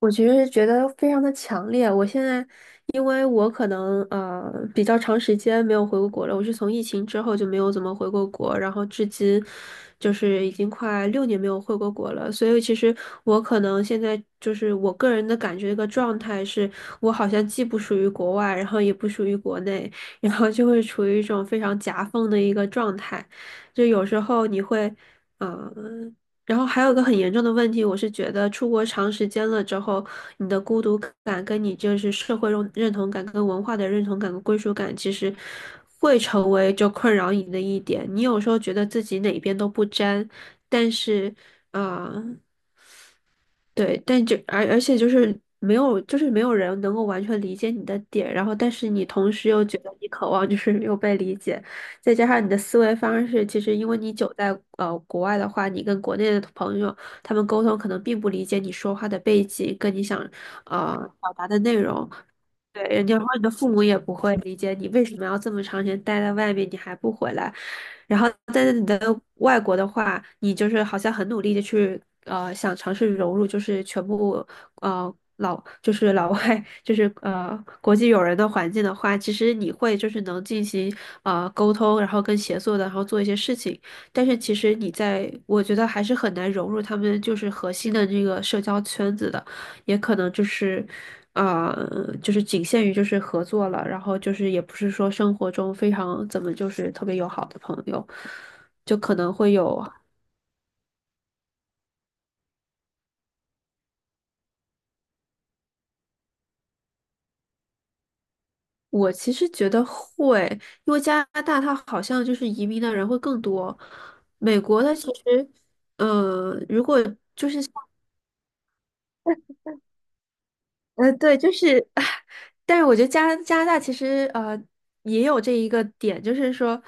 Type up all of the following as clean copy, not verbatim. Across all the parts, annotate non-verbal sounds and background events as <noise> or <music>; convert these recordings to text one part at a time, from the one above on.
我其实觉得非常的强烈。我现在，因为我可能比较长时间没有回过国了，我是从疫情之后就没有怎么回过国，然后至今就是已经快6年没有回过国了。所以其实我可能现在就是我个人的感觉，一个状态是我好像既不属于国外，然后也不属于国内，然后就会处于一种非常夹缝的一个状态。就有时候你会。嗯，然后还有个很严重的问题，我是觉得出国长时间了之后，你的孤独感跟你就是社会认同感、跟文化的认同感、跟归属感，其实会成为就困扰你的一点。你有时候觉得自己哪边都不沾，但是，啊。对，但就而且就是没有，就是没有人能够完全理解你的点，然后但是你同时又觉得你渴望就是没有被理解，再加上你的思维方式，其实因为你久在国外的话，你跟国内的朋友他们沟通可能并不理解你说话的背景，跟你想呃表达的内容。对，人家说你的父母也不会理解你为什么要这么长时间待在外面，你还不回来。然后在是你的外国的话，你就是好像很努力的去想尝试融入，就是全部老就是老外就是国际友人的环境的话，其实你会就是能进行沟通，然后跟协作的，然后做一些事情。但是其实你在我觉得还是很难融入他们就是核心的这个社交圈子的，也可能就是啊，就是仅限于就是合作了，然后就是也不是说生活中非常怎么就是特别友好的朋友，就可能会有。我其实觉得会，因为加拿大它好像就是移民的人会更多，美国它其实，如果对，就是，<laughs> 但是我觉得加拿大其实也有这一个点，就是说，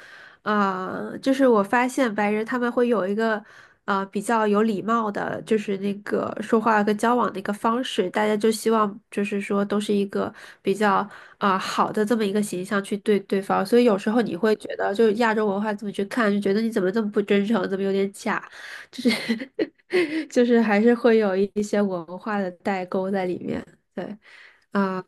啊，就是我发现白人他们会有一个啊比较有礼貌的，就是那个说话跟交往的一个方式，大家就希望就是说都是一个比较好的这么一个形象去对对方，所以有时候你会觉得，就是亚洲文化这么去看，就觉得你怎么这么不真诚，怎么有点假，<laughs> 就是还是会有一些文化的代沟在里面，对。啊、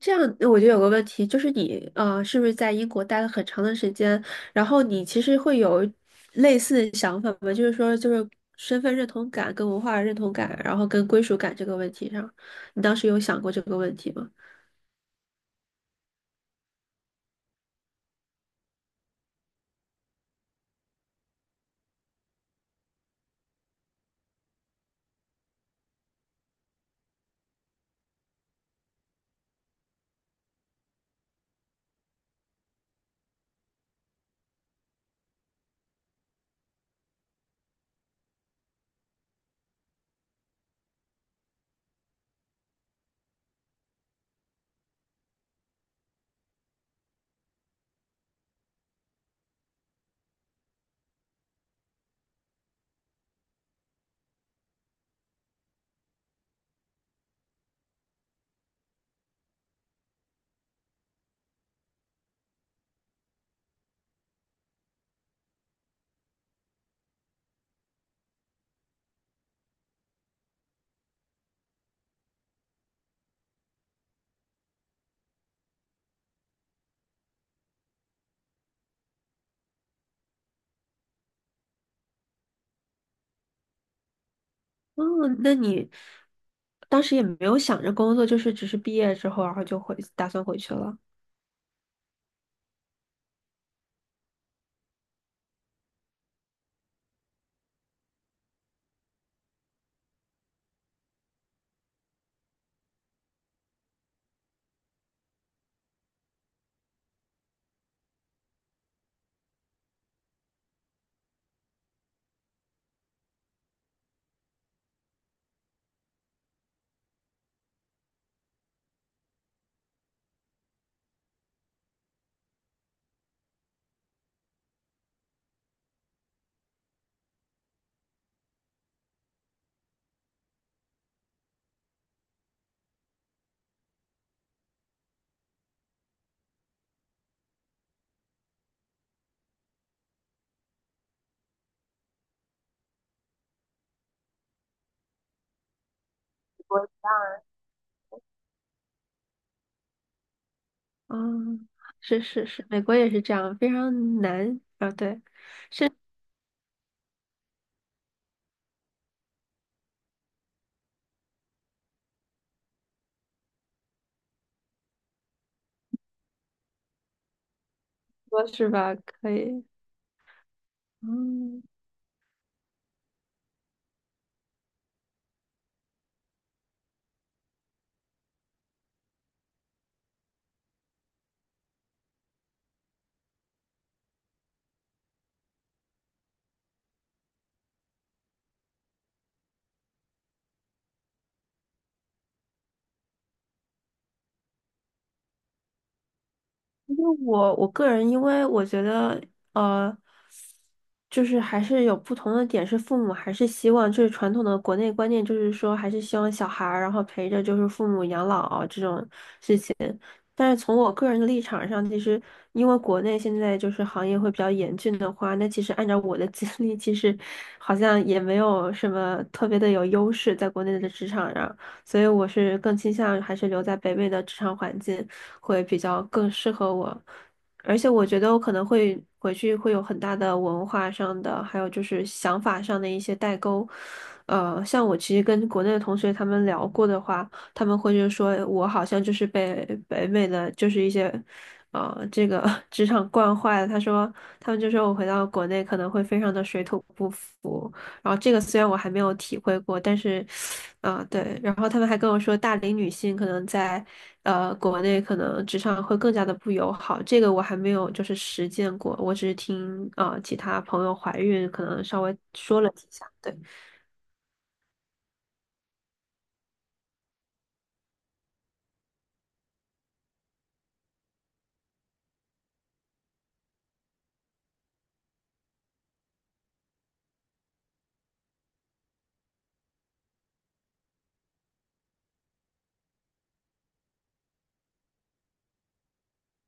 这样，那我就有个问题，就是你啊，是不是在英国待了很长的时间？然后你其实会有类似的想法吗？就是说，就是身份认同感、跟文化认同感，然后跟归属感这个问题上，你当时有想过这个问题吗？哦，那你当时也没有想着工作，就是只是毕业之后，然后就回，打算回去了。嗯，是是是，美国也是这样，非常难啊，对，说是吧？可以，嗯。因为我个人，因为我觉得，呃，就是还是有不同的点，是父母还是希望，就是传统的国内观念，就是说还是希望小孩儿然后陪着就是父母养老啊这种，但是从我个人的立场上，其实因为国内现在就是行业会比较严峻的话，那其实按照我的经历，其实好像也没有什么特别的有优势在国内的职场上，所以我是更倾向还是留在北美的职场环境会比较更适合我，而且我觉得我可能会回去会有很大的文化上的，还有就是想法上的一些代沟。呃，像我其实跟国内的同学他们聊过的话。他们会就是说我好像就是被北美的就是一些，呃，这个 <laughs> 职场惯坏了。他说他们就说我回到国内可能会非常的水土不服。然后这个虽然我还没有体会过，但是，对。然后他们还跟我说，大龄女性可能在国内可能职场会更加的不友好。这个我还没有就是实践过，我只是听其他朋友怀孕可能稍微说了几下，对。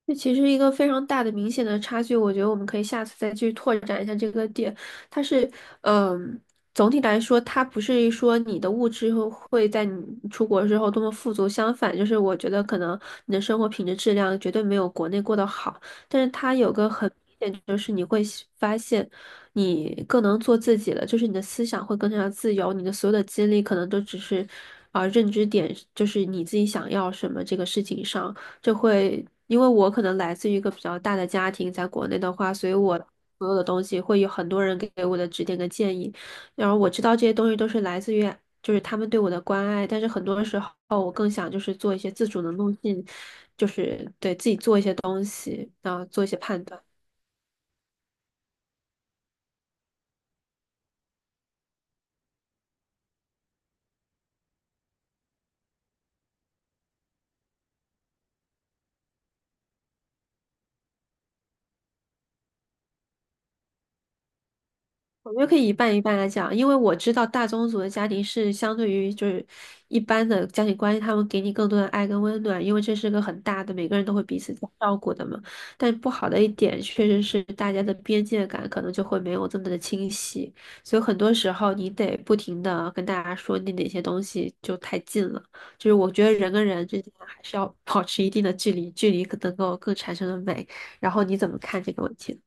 这其实一个非常大的、明显的差距，我觉得我们可以下次再去拓展一下这个点。它是，嗯、总体来说，它不是说你的物质会在你出国之后多么富足，相反，就是我觉得可能你的生活品质质量绝对没有国内过得好。但是它有个很明显，就是你会发现你更能做自己了，就是你的思想会更加自由，你的所有的精力可能都只是，认知点就是你自己想要什么这个事情上。就会因为我可能来自于一个比较大的家庭，在国内的话，所以我所有的东西会有很多人给我的指点跟建议，然后我知道这些东西都是来自于就是他们对我的关爱，但是很多时候我更想就是做一些自主能动性，就是对自己做一些东西，然后做一些判断。我觉得可以一半一半来讲，因为我知道大宗族的家庭是相对于就是一般的家庭关系，他们给你更多的爱跟温暖，因为这是个很大的，每个人都会彼此照顾的嘛。但不好的一点确实是大家的边界感可能就会没有这么的清晰，所以很多时候你得不停的跟大家说你哪些东西就太近了，就是我觉得人跟人之间还是要保持一定的距离，距离可能够更产生的美。然后你怎么看这个问题呢？